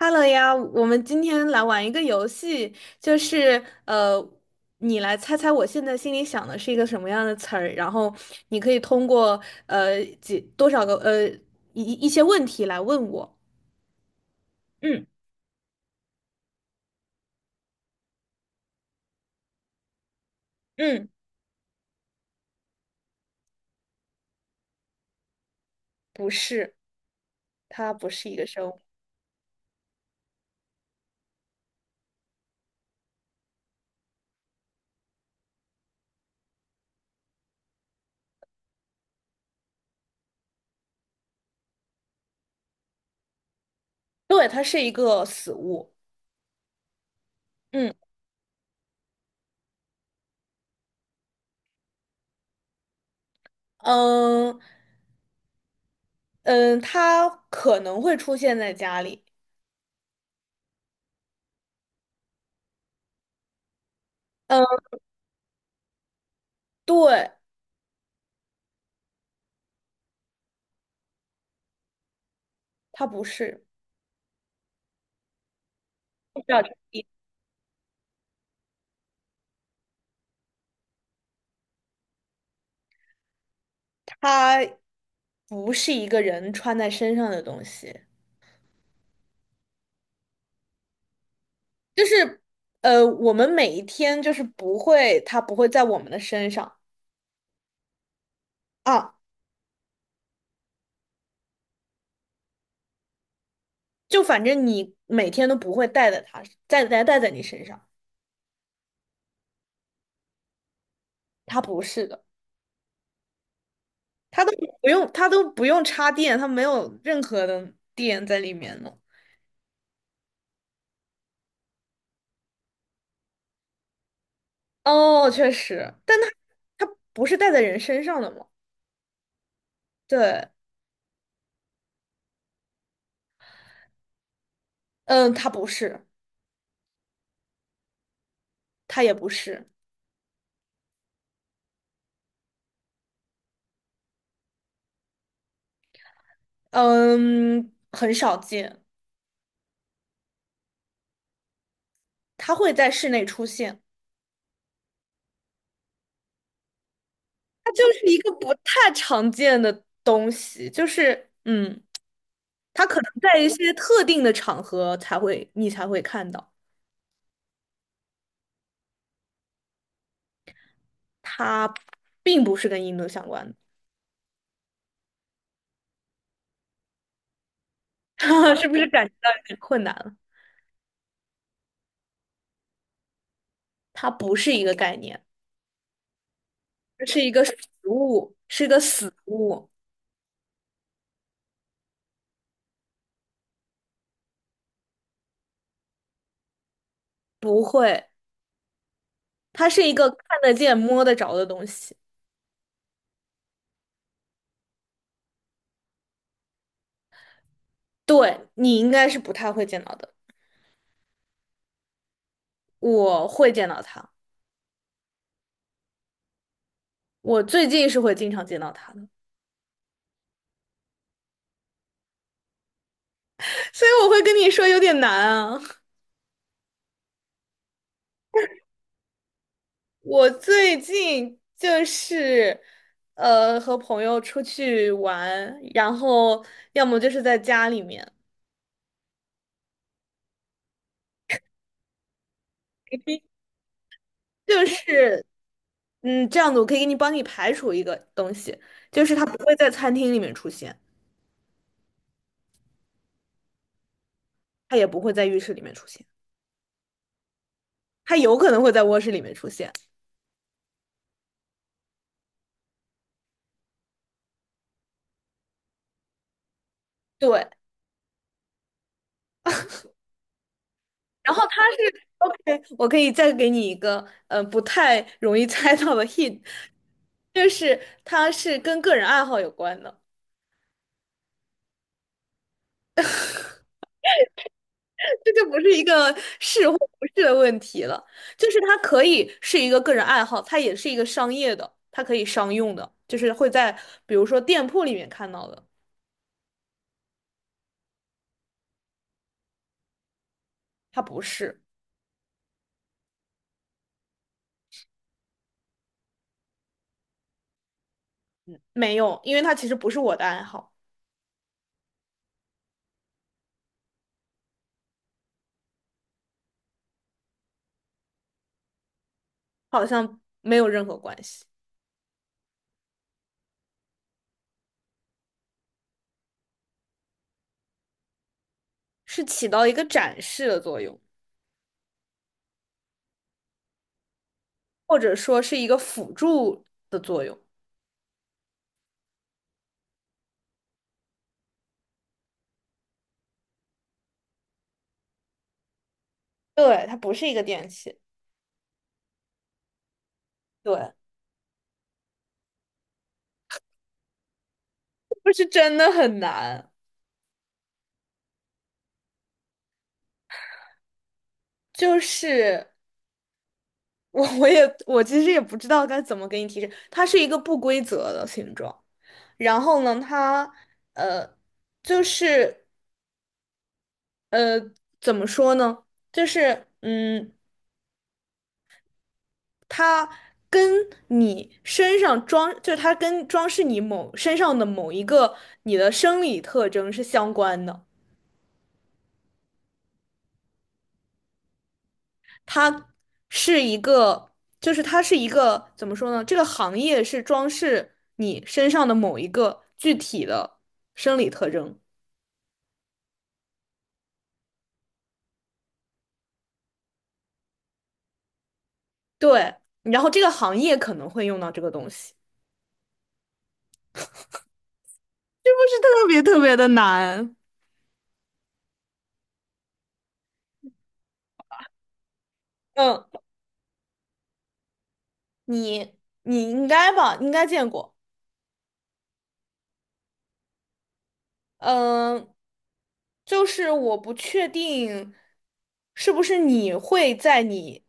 Hello 呀，我们今天来玩一个游戏，就是呃，你来猜猜我现在心里想的是一个什么样的词儿，然后你可以通过呃几多少个呃一些问题来问我。嗯。嗯，不是，它不是一个生物。对，它是一个死物。嗯。嗯嗯，它可能会出现在家里。嗯，对。它不是，不知道。它不是一个人穿在身上的东西。就是我们每一天就是不会，它不会在我们的身上。啊，就反正你每天都不会带在它，带在你身上。它不是的，它都不用，它都不用插电，它没有任何的电在里面呢。哦，确实，但它它不是带在人身上的嘛？对。嗯，它不是。它也不是。嗯，很少见。它会在室内出现。它就是一个不太常见的东西，它可能在一些特定的场合才会你才会看到。它并不是跟印度相关的。是不是感觉到有点困难了？它不是一个概念。这是一个实物，是一个死物。不会，它是一个看得见、摸得着的东西。对，你应该是不太会见到的。我会见到它。我最近是会经常见到它的，所以我会跟你说有点难啊。我最近就是和朋友出去玩，然后要么就是在家里面。就是这样子，我可以给你帮你排除一个东西，就是它不会在餐厅里面出现，它也不会在浴室里面出现，它有可能会在卧室里面出现。对，然后它是 OK,我可以再给你一个不太容易猜到的 hint,就是它是跟个人爱好有关的。这就不是一个是或不是的问题了，就是它可以是一个个人爱好，它也是一个商业的，它可以商用的，就是会在比如说店铺里面看到的。它不是。没有，因为它其实不是我的爱好。好像没有任何关系。是起到一个展示的作用，或者说是一个辅助的作用。对，它不是一个电器。对，不是真的很难。就是。我我也我其实也不知道该怎么给你提示，它是一个不规则的形状。然后呢，它呃，就是怎么说呢？就是嗯，它跟你身上装，就是它跟装饰你某身上的某一个你的生理特征是相关的。它是一个，就是它是一个怎么说呢？这个行业是装饰你身上的某一个具体的生理特征。对，然后这个行业可能会用到这个东西。是特别特别的难。嗯，你你应该吧，应该见过。嗯，就是我不确定是不是你会在你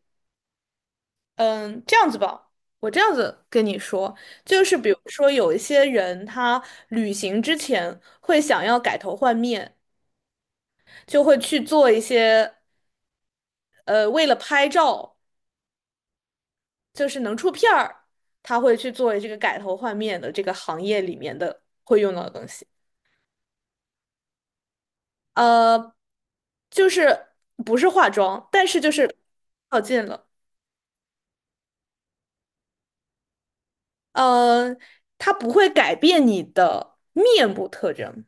嗯这样子吧，我这样子跟你说，就是比如说有一些人他旅行之前会想要改头换面，就会去做一些为了拍照。就是能出片儿，他会去作为这个改头换面的这个行业里面的会用到的东西。呃，就是不是化妆，但是就是靠近了。呃，它不会改变你的面部特征。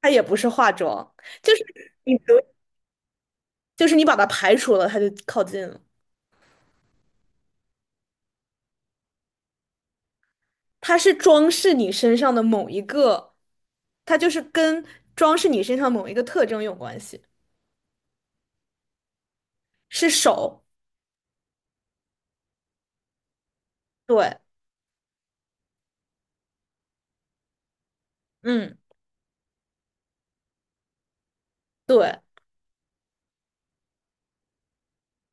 它也不是化妆，就是你就是你把它排除了，它就靠近了。它是装饰你身上的某一个，它就是跟装饰你身上某一个特征有关系。是手。对。嗯，对。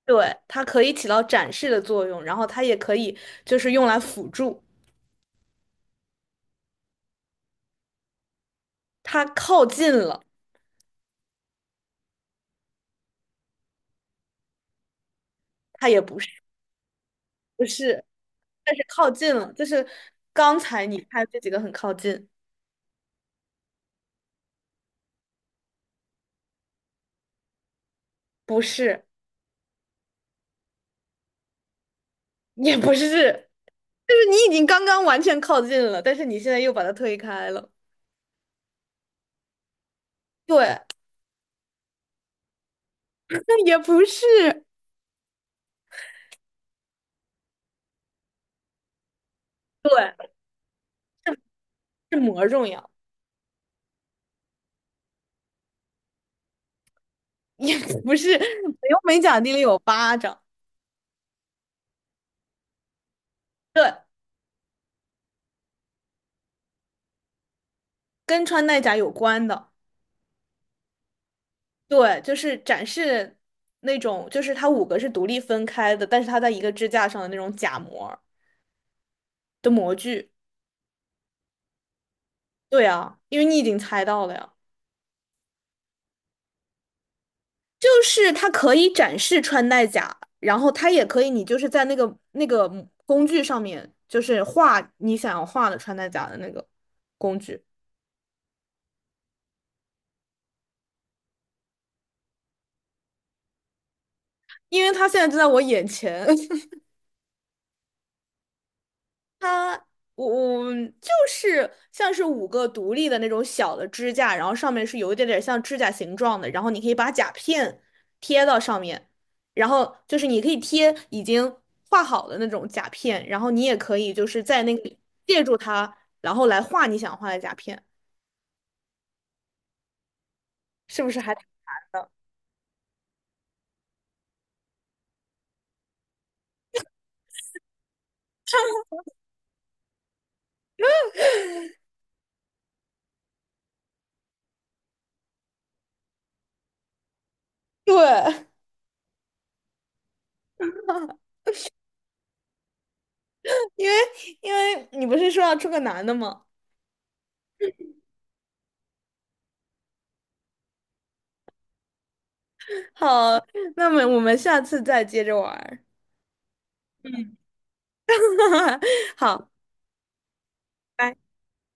对，它可以起到展示的作用，然后它也可以就是用来辅助。它靠近了。它也不是。不是，但是靠近了，就是刚才你看这几个很靠近。不是，也不是，就是你已经刚刚完全靠近了，但是你现在又把它推开了。对，那也不是。对，是膜重要。也不是，北欧美甲店里有巴掌。对，跟穿戴甲有关的。对，就是展示那种，就是它五个是独立分开的，但是它在一个支架上的那种假模儿的模具。对啊，因为你已经猜到了呀。就是它可以展示穿戴甲，然后它也可以，你就是在那个工具上面，就是画你想要画的穿戴甲的那个工具。因为它现在就在我眼前。它，我就是像是五个独立的那种小的支架，然后上面是有一点点像指甲形状的，然后你可以把甲片贴到上面，然后就是你可以贴已经画好的那种甲片，然后你也可以就是在那个借助它，然后来画你想画的甲片，是不是还挺难的？对。因为因为你不是说要出个男的吗？好，那么我们下次再接着玩儿。好。拜。